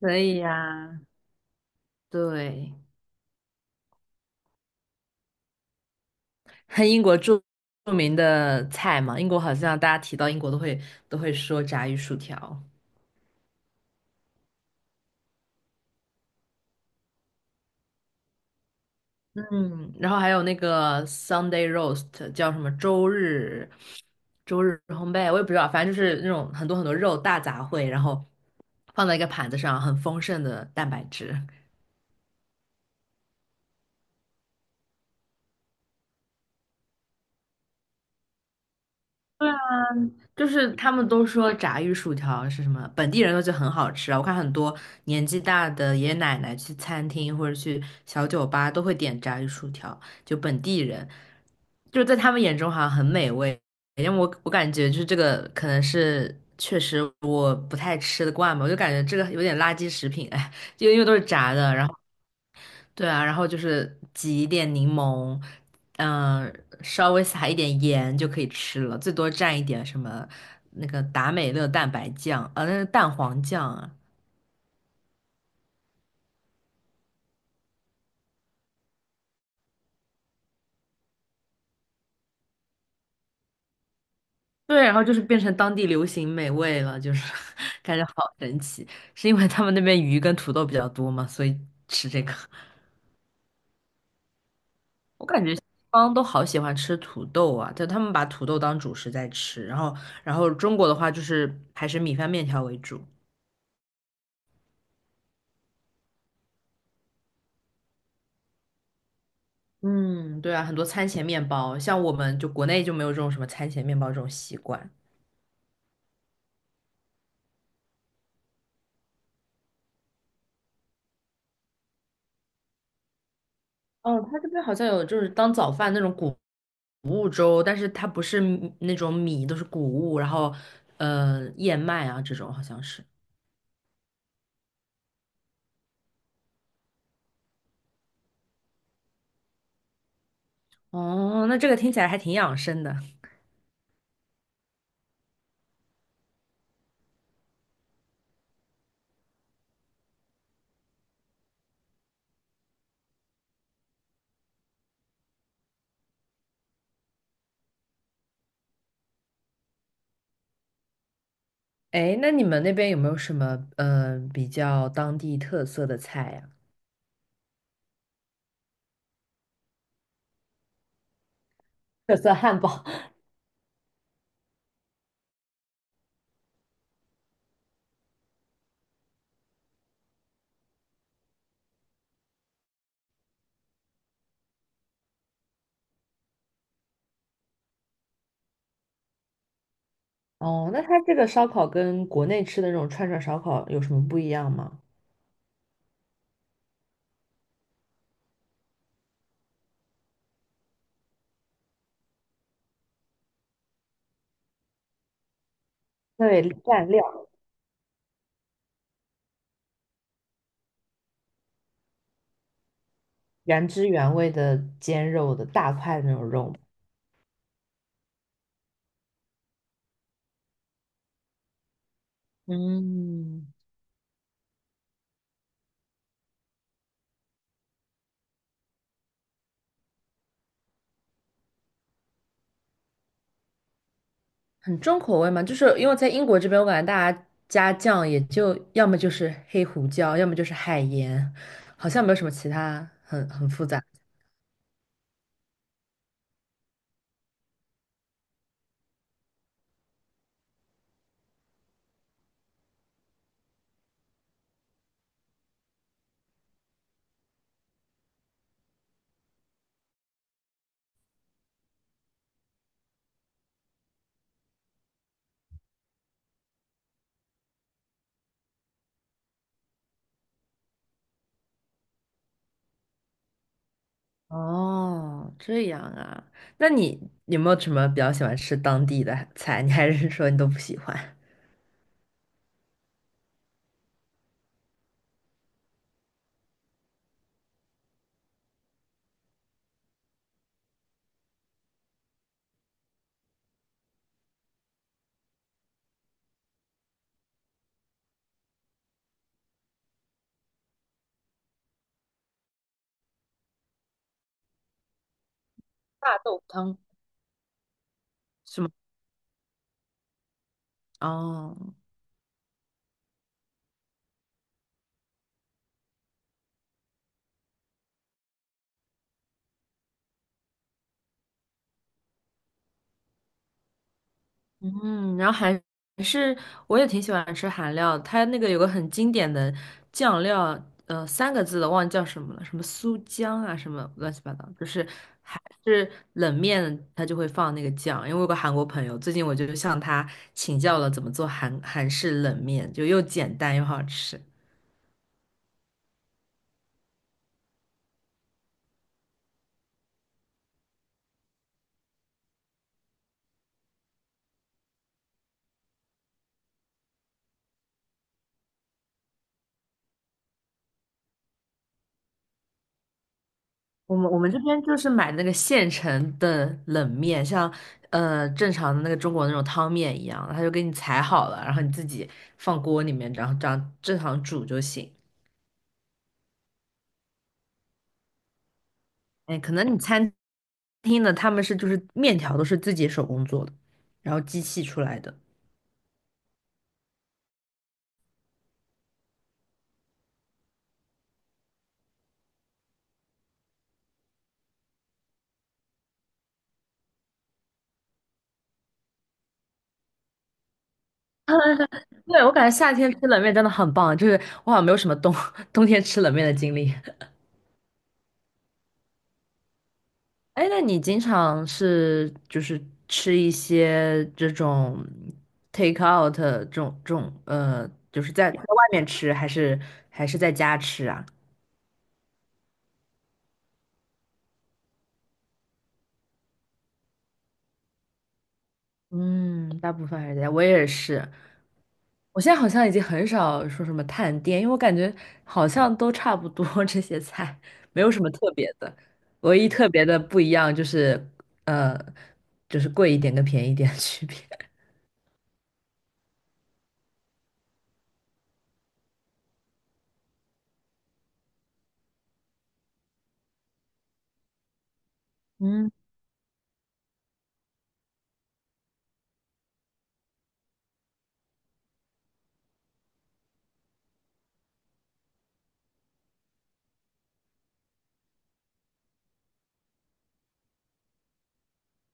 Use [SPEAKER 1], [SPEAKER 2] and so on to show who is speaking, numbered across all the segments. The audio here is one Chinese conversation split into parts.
[SPEAKER 1] 可以呀、对，很英国著著名的菜嘛，英国好像大家提到英国都会都会说炸鱼薯条。嗯，然后还有那个 Sunday roast 叫什么周日烘焙，我也不知道，反正就是那种很多很多肉大杂烩，然后放在一个盘子上，很丰盛的蛋白质。就是他们都说炸鱼薯条是什么，本地人都觉得很好吃啊。我看很多年纪大的爷爷奶奶去餐厅或者去小酒吧都会点炸鱼薯条，就本地人，就在他们眼中好像很美味。因为我感觉就是这个可能是确实我不太吃得惯吧，我就感觉这个有点垃圾食品，哎，就因为都是炸的，然后。对啊，然后就是挤一点柠檬，嗯、稍微撒一点盐就可以吃了，最多蘸一点什么那个达美乐蛋白酱，啊，那个蛋黄酱啊。对，然后就是变成当地流行美味了，就是 感觉好神奇。是因为他们那边鱼跟土豆比较多嘛，所以吃这个。我感觉西方都好喜欢吃土豆啊，就他们把土豆当主食在吃，然后然后中国的话就是还是米饭面条为主。嗯，对啊，很多餐前面包，像我们就国内就没有这种什么餐前面包这种习惯。哦，他这边好像有就是当早饭那种谷物粥，但是它不是米那种米，都是谷物，然后燕麦啊这种好像是。哦，那这个听起来还挺养生的。哎，那你们那边有没有什么比较当地特色的菜呀、特色汉堡。哦，那它这个烧烤跟国内吃的那种串串烧烤有什么不一样吗？对，蘸料。原汁原味的煎肉的大块的那种肉。嗯，很重口味嘛，就是因为在英国这边，我感觉大家加酱也就要么就是黑胡椒，要么就是海盐，好像没有什么其他很复杂。哦，这样啊，那你有没有什么比较喜欢吃当地的菜？你还是说你都不喜欢？大豆汤是吗？哦，嗯，然后是我也挺喜欢吃韩料的，它那个有个很经典的酱料，三个字的忘记叫什么了，什么苏姜啊，什么乱七八糟，就是还是冷面它就会放那个酱。因为我有个韩国朋友，最近我就向他请教了怎么做韩式冷面，就又简单又好吃。我们这边就是买那个现成的冷面，像正常的那个中国那种汤面一样，他就给你裁好了，然后你自己放锅里面，然后这样正常煮就行。哎，可能你餐厅的他们是就是面条都是自己手工做的，然后机器出来的。对，我感觉夏天吃冷面真的很棒，就是我好像没有什么冬 冬天吃冷面的经历。哎，那你经常是就是吃一些这种 take out 这种就是在外面吃，还是还是在家吃啊？嗯，大部分还是在家，我也是。我现在好像已经很少说什么探店，因为我感觉好像都差不多 这些菜，没有什么特别的。唯一特别的不一样就是，呃，就是贵一点跟便宜一点的区别。嗯，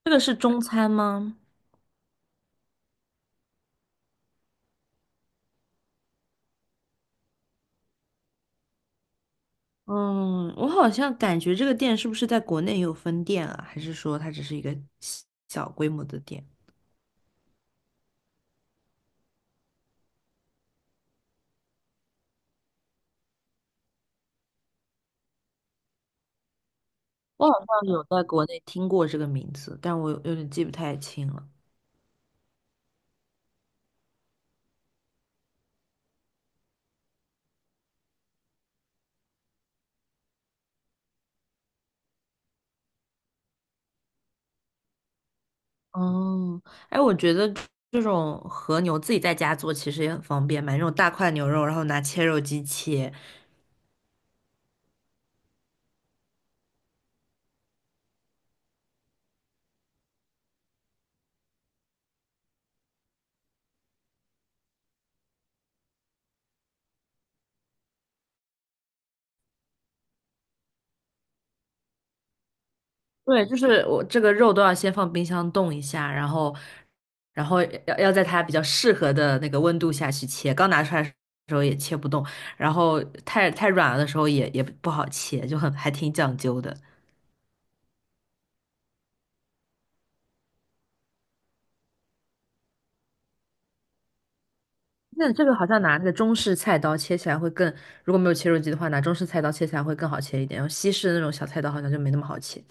[SPEAKER 1] 这个是中餐吗？嗯，我好像感觉这个店是不是在国内也有分店啊？还是说它只是一个小小规模的店？我好像有在国内听过这个名字，但我有点记不太清了。哦，哎，我觉得这种和牛自己在家做其实也很方便，买那种大块牛肉，然后拿切肉机切，对，就是我这个肉都要先放冰箱冻一下，然后，然后要在它比较适合的那个温度下去切。刚拿出来的时候也切不动，然后太软了的时候也不好切，就很还挺讲究的。那这个好像拿那个中式菜刀切起来会更，如果没有切肉机的话，拿中式菜刀切起来会更好切一点，然后西式的那种小菜刀好像就没那么好切。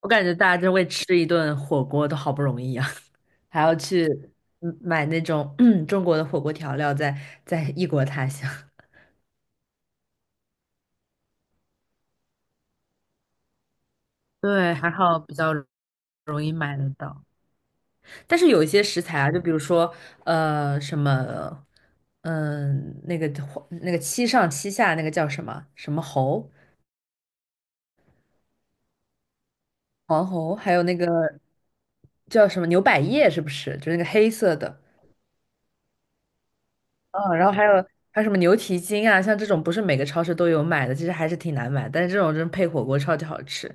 [SPEAKER 1] 我感觉大家就为吃一顿火锅都好不容易啊，还要去嗯买那种 嗯中国的火锅调料在，在异国他乡。对，还好比较容易买得到。但是有一些食材啊，就比如说呃什么，嗯、那个七上七下那个叫什么什么猴黄猴，还有那个叫什么牛百叶，是不是？就是那个黑色的。嗯，然后还有还有什么牛蹄筋啊，像这种不是每个超市都有买的，其实还是挺难买，但是这种真配火锅超级好吃。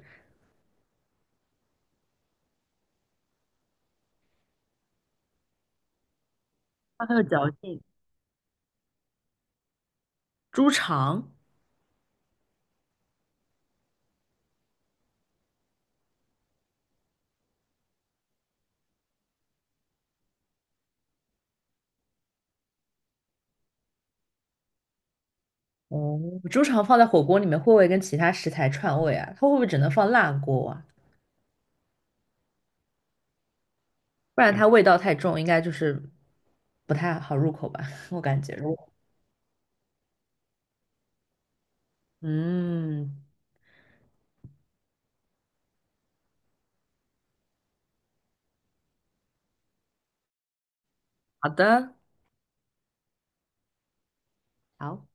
[SPEAKER 1] 它很有嚼劲。猪肠，哦，猪肠放在火锅里面会不会跟其他食材串味啊？它会不会只能放辣锅啊？不然它味道太重，应该就是不太好入口吧，我感觉。嗯，好的，好。